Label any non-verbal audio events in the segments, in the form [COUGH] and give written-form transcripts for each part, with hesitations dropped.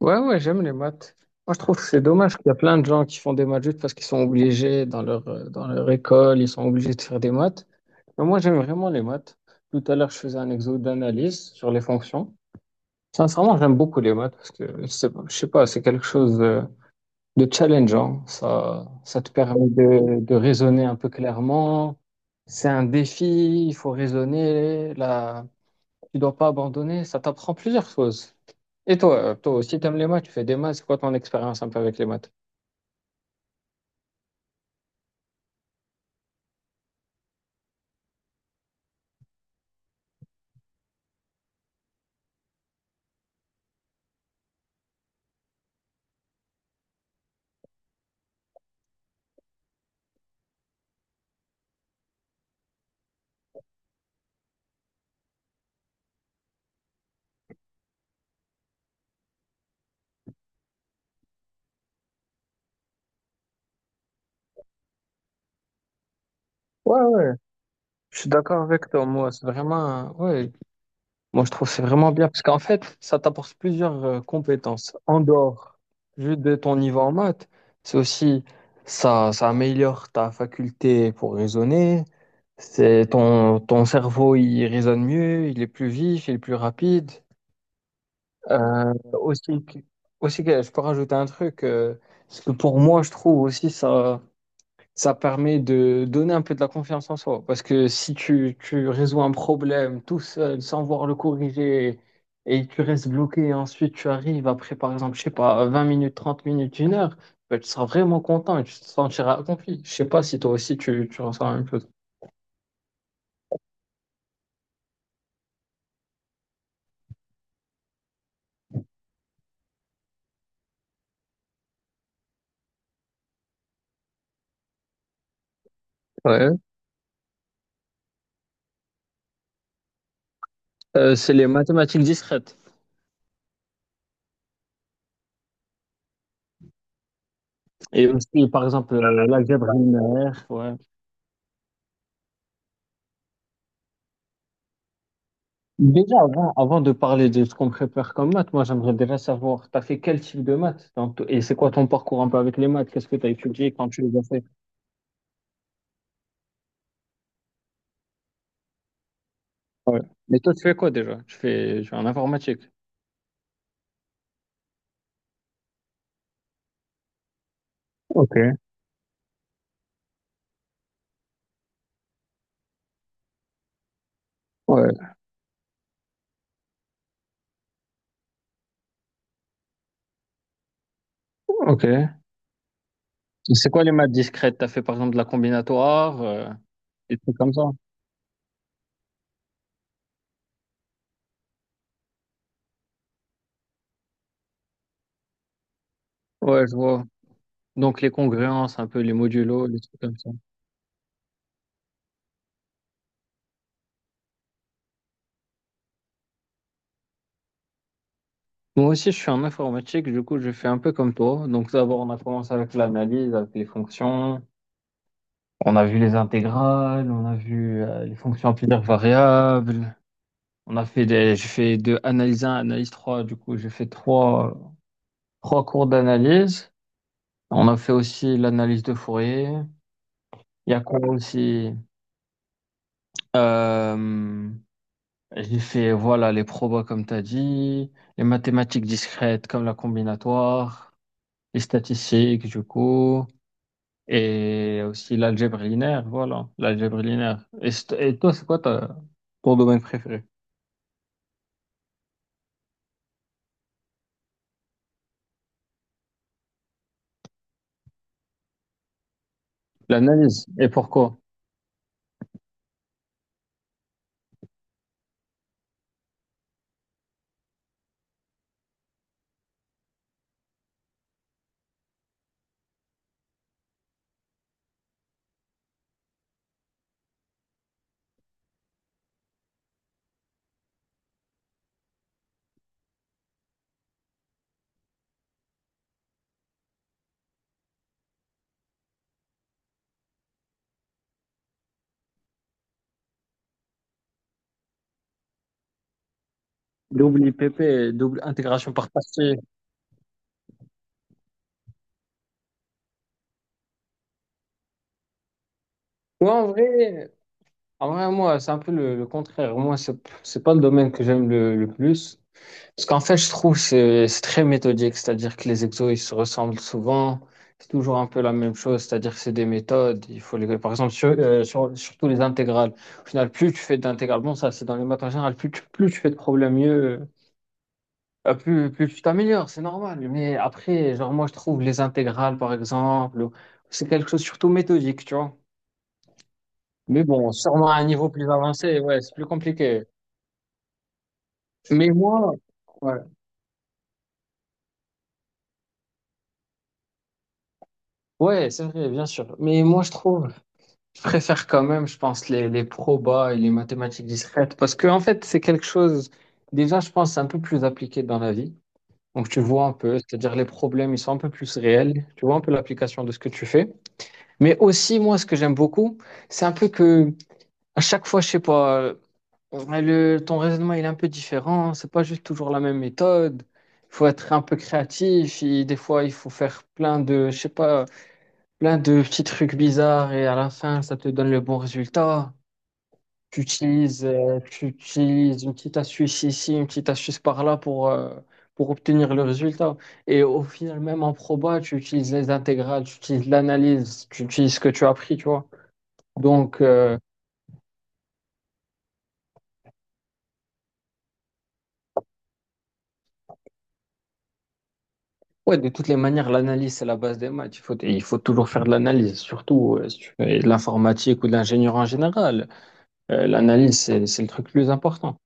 Ouais, ouais, j'aime les maths. Moi, je trouve que c'est dommage qu'il y a plein de gens qui font des maths juste parce qu'ils sont obligés dans leur école, ils sont obligés de faire des maths. Mais moi, j'aime vraiment les maths. Tout à l'heure, je faisais un exo d'analyse sur les fonctions. Sincèrement, j'aime beaucoup les maths parce que, je sais pas, c'est quelque chose de challengeant. Ça te permet de raisonner un peu clairement. C'est un défi, il faut raisonner. Là, tu dois pas abandonner, ça t'apprend plusieurs choses. Et toi, toi aussi, t'aimes les maths, tu fais des maths, c'est quoi ton expérience un peu avec les maths? Ouais, ouais, je suis d'accord avec toi. Moi, c'est vraiment, ouais, moi, je trouve que c'est vraiment bien parce qu'en fait, ça t'apporte plusieurs compétences en dehors juste de ton niveau en maths. C'est aussi, ça améliore ta faculté pour raisonner. C'est ton cerveau, il raisonne mieux, il est plus vif, il est plus rapide. Euh, aussi, que- aussi que je peux rajouter un truc, parce que pour moi, je trouve aussi ça, ça permet de donner un peu de la confiance en soi. Parce que si tu résous un problème tout seul, sans voir le corriger, et tu restes bloqué, et ensuite tu arrives après, par exemple, je sais pas, 20 minutes, 30 minutes, 1 heure, ben, tu seras vraiment content et tu te sentiras accompli. Je sais pas si toi aussi tu ressens la même chose. Ouais. C'est les mathématiques discrètes. Et aussi, par exemple, l'algèbre linéaire, ouais. Déjà, avant de parler de ce qu'on prépare comme maths, moi j'aimerais déjà savoir, t'as fait quel type de maths et c'est quoi ton parcours un peu avec les maths? Qu'est-ce que t'as étudié quand tu les as fait? Ouais. Mais toi, tu fais quoi déjà? Tu fais en informatique. Ok, ouais, ok. Et c'est quoi les maths discrètes? T'as fait par exemple de la combinatoire, des trucs comme ça? Ouais, je vois. Donc les congruences, un peu les modulos, les trucs comme ça. Moi aussi, je suis en informatique, du coup, je fais un peu comme toi. Donc d'abord, on a commencé avec l'analyse, avec les fonctions. On a vu les intégrales, on a vu les fonctions amplitudaires variables. On a fait des, j'ai fait de analyse un, analyse trois. Du coup, j'ai fait trois cours d'analyse. On a fait aussi l'analyse de Fourier. Il y a quoi aussi? Euh, j'ai fait, voilà, les probas comme tu as dit, les mathématiques discrètes comme la combinatoire, les statistiques, du coup, et aussi l'algèbre linéaire, voilà, l'algèbre linéaire. Et toi, c'est quoi ton domaine préféré? L'analyse. Et pourquoi? Double IPP, double intégration par partie. Ouais, en vrai, moi, c'est un peu le contraire. Moi, c'est pas le domaine que j'aime le plus. Parce qu'en fait, je trouve que c'est très méthodique. C'est-à-dire que les exos, ils se ressemblent souvent. C'est toujours un peu la même chose. C'est-à-dire que c'est des méthodes. Il faut les, par exemple, surtout les intégrales. Au final, plus tu fais d'intégrales, bon, ça, c'est dans les maths en général, plus tu fais de problèmes, mieux. Plus tu t'améliores, c'est normal. Mais après, genre, moi, je trouve les intégrales, par exemple, c'est quelque chose surtout méthodique, tu vois. Mais bon, sûrement à un niveau plus avancé, ouais, c'est plus compliqué. Mais moi, ouais, ouais, c'est vrai, bien sûr. Mais moi, je trouve, je préfère quand même, je pense, les probas et les mathématiques discrètes parce que, en fait, c'est quelque chose, déjà, je pense, c'est un peu plus appliqué dans la vie. Donc, tu vois un peu, c'est-à-dire les problèmes, ils sont un peu plus réels. Tu vois un peu l'application de ce que tu fais. Mais aussi, moi, ce que j'aime beaucoup, c'est un peu que à chaque fois, je sais pas, ton raisonnement il est un peu différent. C'est pas juste toujours la même méthode. Il faut être un peu créatif. Et des fois, il faut faire je sais pas, plein de petits trucs bizarres et à la fin, ça te donne le bon résultat. Tu utilises une petite astuce ici, une petite astuce par là pour obtenir le résultat. Et au final, même en proba, tu utilises les intégrales, tu utilises l'analyse, tu utilises ce que tu as appris, tu vois. Donc, ouais, de toutes les manières, l'analyse, c'est la base des maths. Il faut toujours faire de l'analyse, surtout si tu fais de l'informatique ou de l'ingénieur en général. L'analyse, c'est le truc le plus important.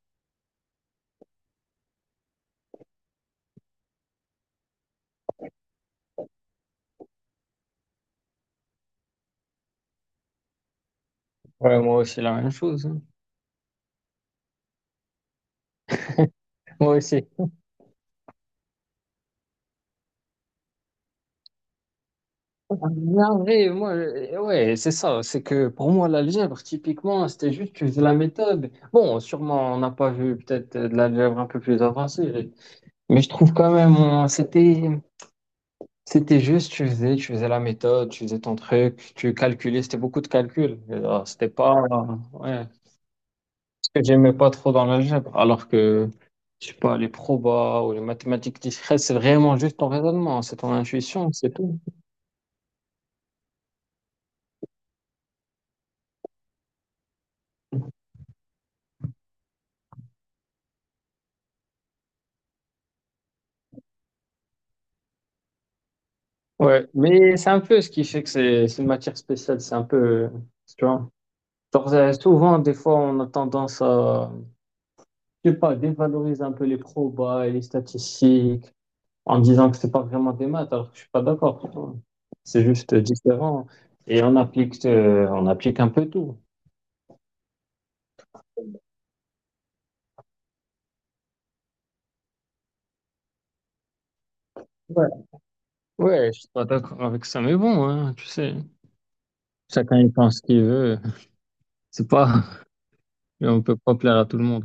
Ouais, moi aussi, la même chose, hein. Moi aussi. Non, mais moi, ouais, c'est ça. C'est que pour moi, l'algèbre, typiquement, c'était juste que faisais la méthode. Bon, sûrement, on n'a pas vu peut-être de l'algèbre un peu plus avancée, mais je trouve quand même, c'était. C'était juste, tu faisais la méthode, tu faisais ton truc, tu calculais, c'était beaucoup de calculs. Alors, c'était pas, ouais, ce que j'aimais pas trop dans l'algèbre. Alors que, je sais pas, les probas ou les mathématiques discrètes, c'est vraiment juste ton raisonnement, c'est ton intuition, c'est tout. Ouais, mais c'est un peu ce qui fait que c'est une matière spéciale, c'est un peu, tu vois. Genre, souvent, des fois, on a tendance à, je sais pas, dévaloriser un peu les probas et les statistiques en disant que c'est pas vraiment des maths, alors que je suis pas d'accord. C'est juste différent. Et on applique un peu tout. Ouais. Ouais, je suis pas d'accord avec ça, mais bon, hein, tu sais, chacun il pense ce qu'il veut. C'est pas, [LAUGHS] on peut pas plaire à tout le monde.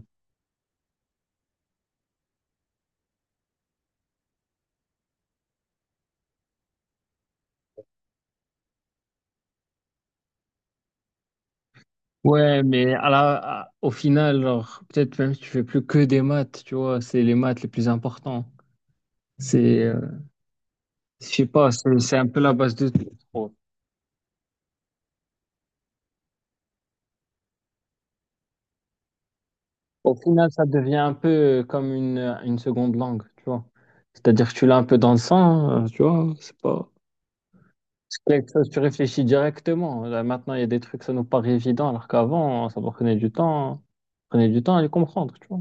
Ouais, mais au final, genre, peut-être même si tu fais plus que des maths, tu vois, c'est les maths les plus importants. C'est, euh, je sais pas, c'est un peu la base de tout, je trouve. Au final, ça devient un peu comme une seconde langue, tu vois. C'est-à-dire que tu l'as un peu dans le sang, hein, tu vois, c'est pas. C'est quelque chose, tu réfléchis directement. Là, maintenant, il y a des trucs, ça nous paraît évident, alors qu'avant, ça prenait du temps à les comprendre, tu vois.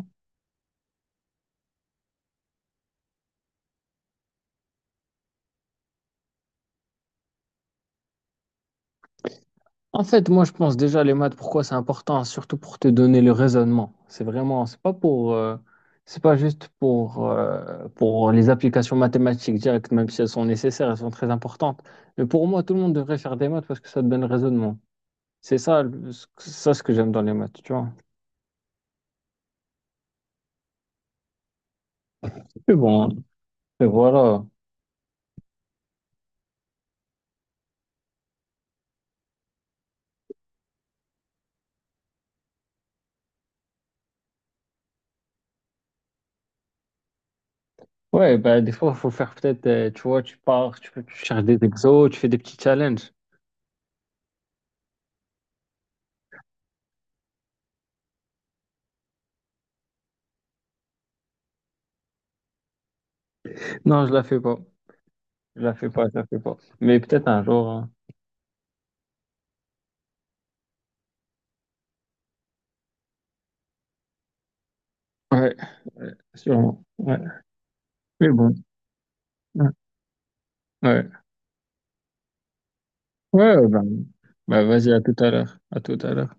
En fait, moi, je pense déjà les maths, pourquoi c'est important, surtout pour te donner le raisonnement. C'est vraiment, c'est pas juste pour les applications mathématiques directes, même si elles sont nécessaires, elles sont très importantes. Mais pour moi, tout le monde devrait faire des maths parce que ça te donne le raisonnement. C'est ça, ça ce que j'aime dans les maths, tu vois. Mais bon, et voilà. Ouais, bah, des fois, il faut faire peut-être, tu vois, tu pars, tu cherches des exos, tu fais des petits challenges. Non, je la fais pas. Je la fais pas, je la fais pas. Mais peut-être un jour, hein. Ouais, sûrement. Ouais. Mais bon. Ouais. Ouais, ouais ouais, bah, bah, vas-y, à tout à l'heure. À tout à l'heure.